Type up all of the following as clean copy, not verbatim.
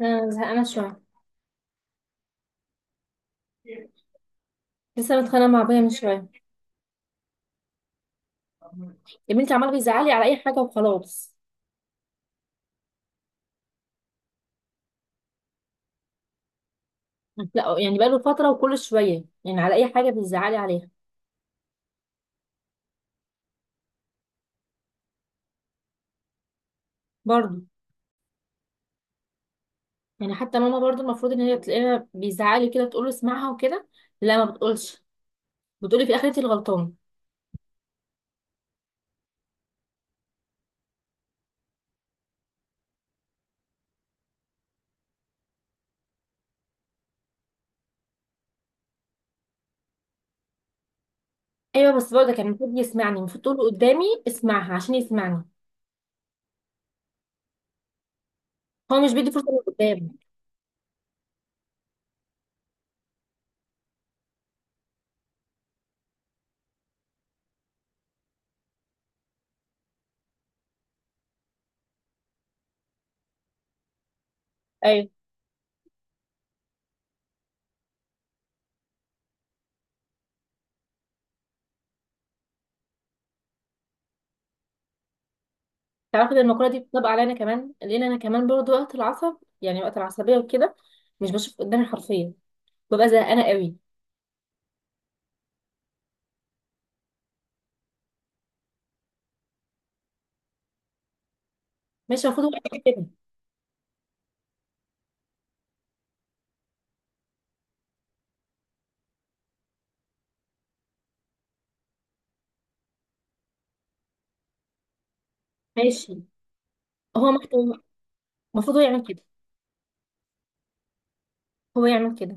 انا زهقانه شويه. لسه متخانقه مع ابويا من شويه. يا بنتي، عمال بيزعلي على اي حاجه وخلاص. لا، يعني بقاله فتره وكل شويه يعني على اي حاجه بيزعلي عليها. برضه. يعني حتى ماما برضه المفروض ان هي تلاقيها بيزعلي كده تقول له اسمعها وكده. لا، ما بتقولش. بتقولي في اخرتي الغلطان. ايوه، بس برضه كان المفروض يسمعني، المفروض تقول له قدامي اسمعها عشان يسمعني. هو مش بيدي فرصه لقدام. ايوه. تعرفي، ده المقوله دي بتطبق عليا انا كمان، لان انا كمان برضه وقت العصب يعني وقت العصبيه وكده مش بشوف قدامي حرفيا. ببقى زهقانه قوي. ماشي، المفروض هو يعمل كده. ماشي. هو مكتوب. المفروض هو يعمل كده. هو يعمل كده.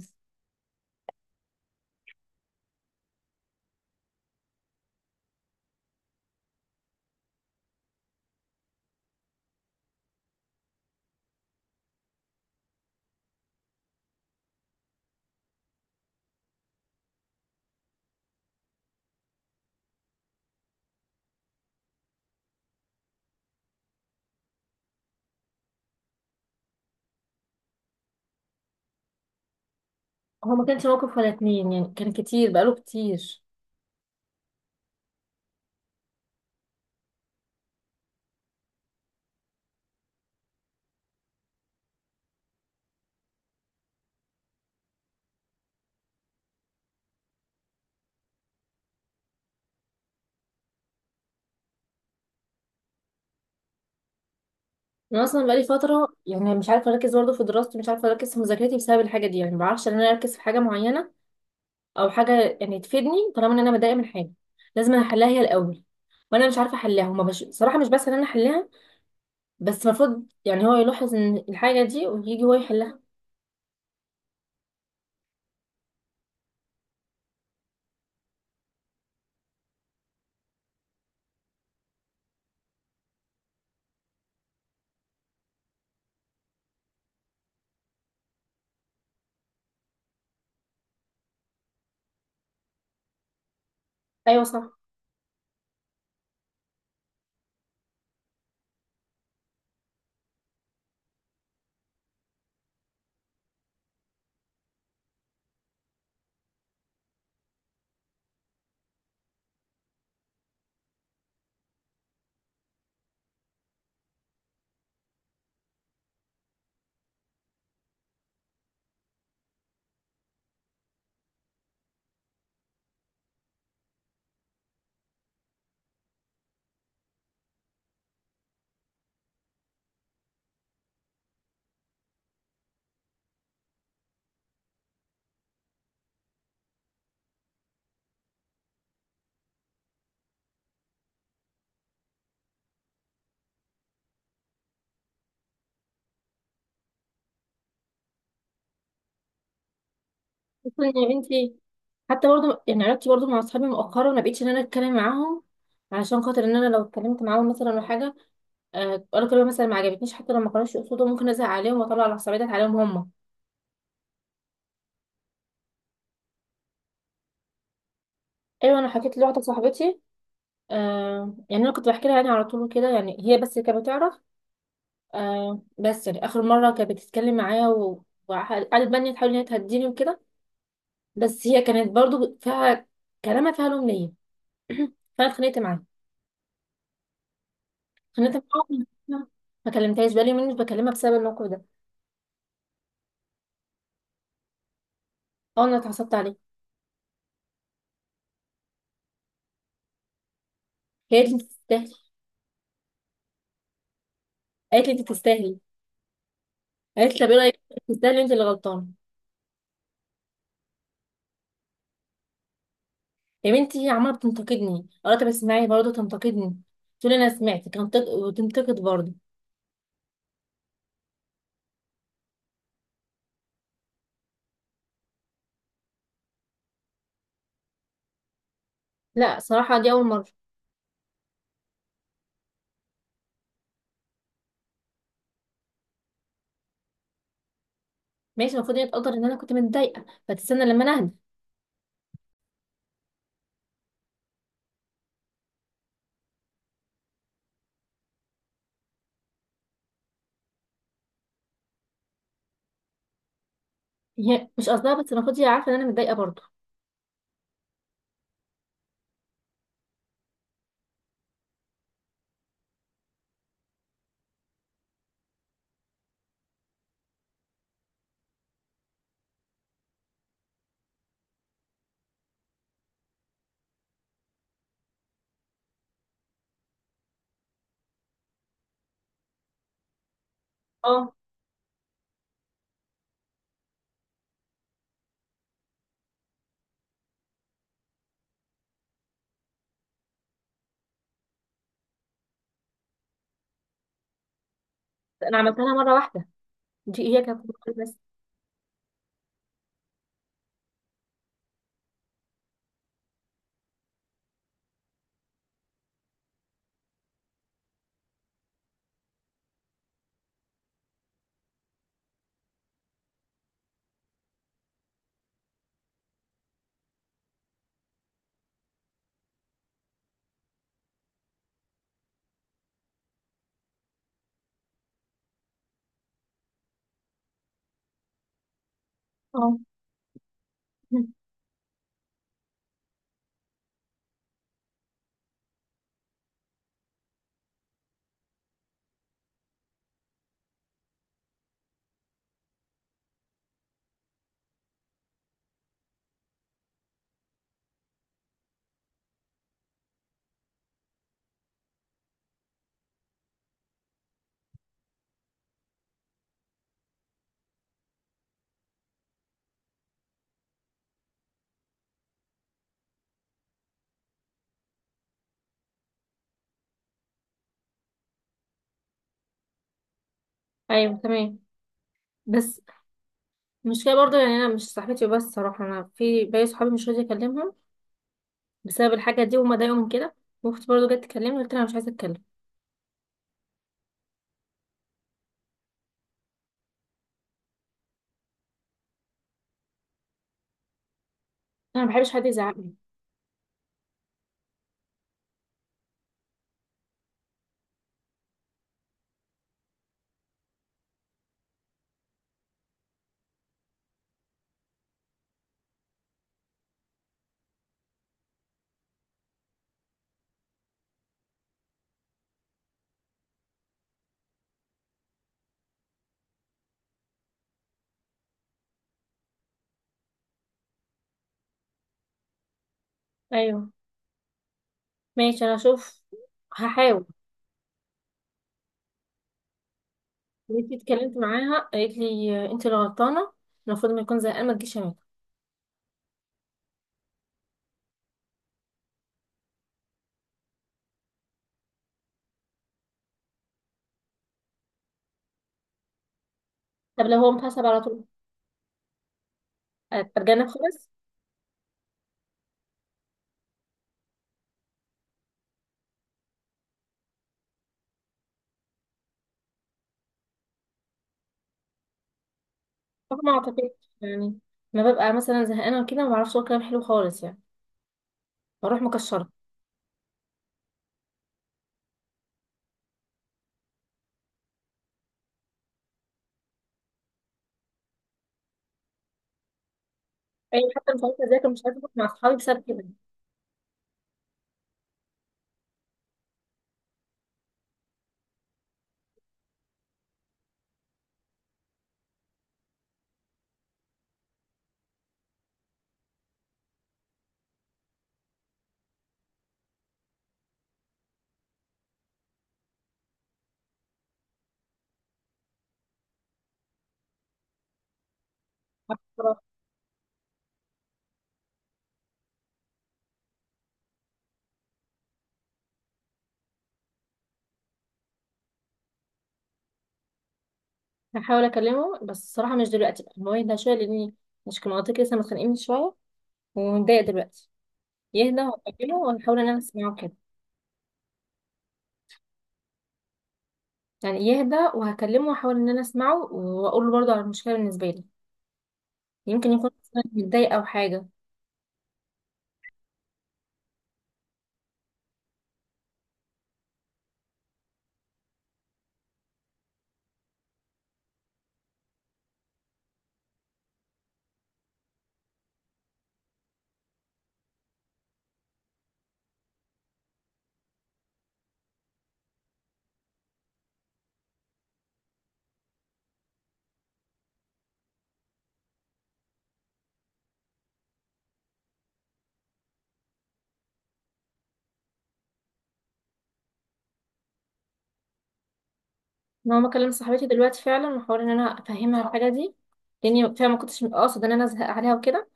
هو ما كانش موقف ولا اتنين، يعني كان كتير بقاله كتير. انا اصلا بقالي فتره، يعني مش عارفه اركز برضه في دراستي، مش عارفه اركز في مذاكرتي بسبب الحاجه دي، يعني ما بعرفش ان انا اركز في حاجه معينه او حاجه يعني تفيدني طالما ان انا متضايقه من حاجه. لازم أنا احلها هي الاول. وانا مش عارفه احلها صراحه مش بس ان انا احلها، بس المفروض يعني هو يلاحظ ان الحاجه دي ويجي هو يحلها. ايوه صح. اصلا يا بنتي، حتى برضه يعني علاقتي برضه مع اصحابي مؤخرا ما بقتش ان انا اتكلم معاهم، علشان خاطر ان انا لو اتكلمت معاهم مثلا ولا حاجه، قالوا كلمه مثلا ما عجبتنيش، حتى لو ما كانوش يقصدوا ممكن ازعل عليهم واطلع العصبيه ديت عليهم هم. ايوه، انا حكيت لواحده صاحبتي. يعني انا كنت بحكي لها يعني على طول كده، يعني هي بس كانت بتعرف. بس يعني اخر مره كانت بتتكلم معايا وقعدت بقى ان هي تحاول ان هي تهديني وكده. بس هي كانت برضه فيها، كلامها فيها لوم ليا. فانا اتخانقت معاها. خانتها معاهم. ما كلمتهاش، بقالي يومين مش بكلمها بسبب الموقف ده. اه، انا اتعصبت عليها. هي قالت لي انت تستاهلي. قالت لي انت تستاهلي. قالت لي طب ايه رايك، تستاهلي انت اللي غلطانه. يا بنتي، هي عماله بتنتقدني، قالت طب اسمعي، برضه تنتقدني، تقول انا سمعتك، وتنتقد برضه. لا، صراحه دي اول مره. ماشي، المفروض هي تقدر ان انا كنت متضايقه فتستنى لما انا اهدى. هي مش قصدها، بس المفروض هي عارفه ان انا متضايقه برضه. اه، انا عملتها لها مره واحده. دي هي كانت. بس. اه. ايوه تمام. بس المشكلة برضه، يعني أنا مش صاحبتي بس صراحة، أنا في باقي صحابي مش راضية أكلمهم بسبب الحاجة دي، وما ضايقهم كده. وأختي برضه جت تكلمني، قلت لها أنا مش عايزة أتكلم. أنا مبحبش حد يزعقني. أيوه. ماشي، أنا أشوف. هحاول. جيت اتكلمت معاها، قالت لي أنت اللي غلطانة، المفروض ما يكون زهقان ما تجيش هنا. طب لو هو متعصب على طول أتجنب خالص؟ طب ما أعتقدش، يعني ما ببقى مثلا زهقانة وكده ما بعرفش أقول كلام حلو خالص، يعني بروح مكشرة. أيوة، حتى مش عارفة أذاكر، مش عارفة أخرج مع أصحابي بسبب كده. هحاول اكلمه بس الصراحه مش دلوقتي، بقى هو يهدى شويه، لاني مش كان منطقي لسه متخانقين شويه ومتضايق دلوقتي. يهدى وهكلمه وهحاول ان انا اسمعه كده. يعني يهدى وهكلمه واحاول ان انا اسمعه واقول له برضه على المشكله بالنسبه لي، يمكن يكون أصلاً متضايق او حاجه. ان هو مكلم صاحبتي دلوقتي فعلا، واحاول ان انا افهمها الحاجه دي، لاني فعلا ما كنتش اقصد ان انا ازهق عليها وكده،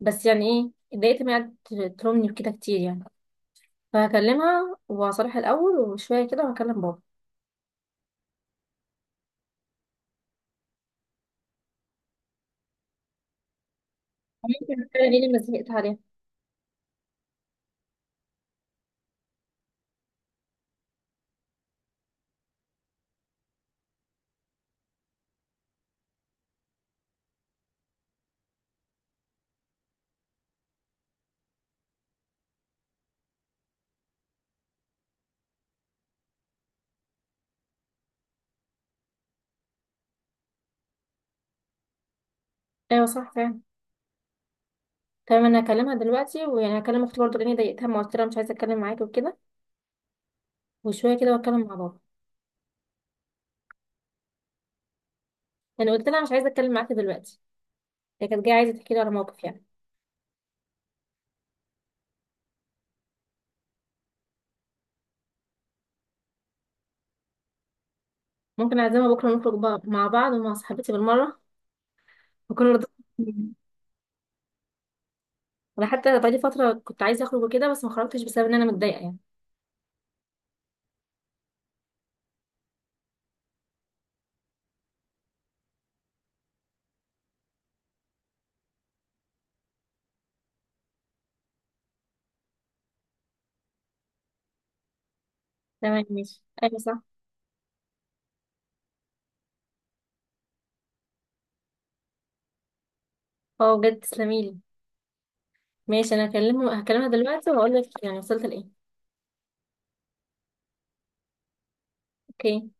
بس يعني ايه، اتضايقت من قعدت تلومني وكده كتير يعني. فهكلمها وهصالحها الاول، وشويه كده وهكلم بابا. ممكن اتكلم ليه لما زهقت عليها. ايوه صح فعلا. تمام، انا هكلمها دلوقتي، ويعني هكلم اختي برضه لاني ضايقتها، ما قلت لها مش عايزه اتكلم معاكي وكده، وشويه كده واتكلم مع بابا. يعني قلت لها مش عايزه اتكلم معاكي دلوقتي، هي كانت جايه عايزه تحكي لي على موقف يعني. ممكن اعزمها بكره نخرج بقى مع بعض ومع صاحبتي بالمره، وكل رضا. انا حتى بقالي فتره كنت عايزه اخرج وكده، بس ما خرجتش بسبب ان انا متضايقه يعني. تمام ماشي، ايوه صح. اه بجد تسلميلي. ماشي، انا هكلمه، هكلمها دلوقتي وهقول لك يعني وصلت لايه. اوكي.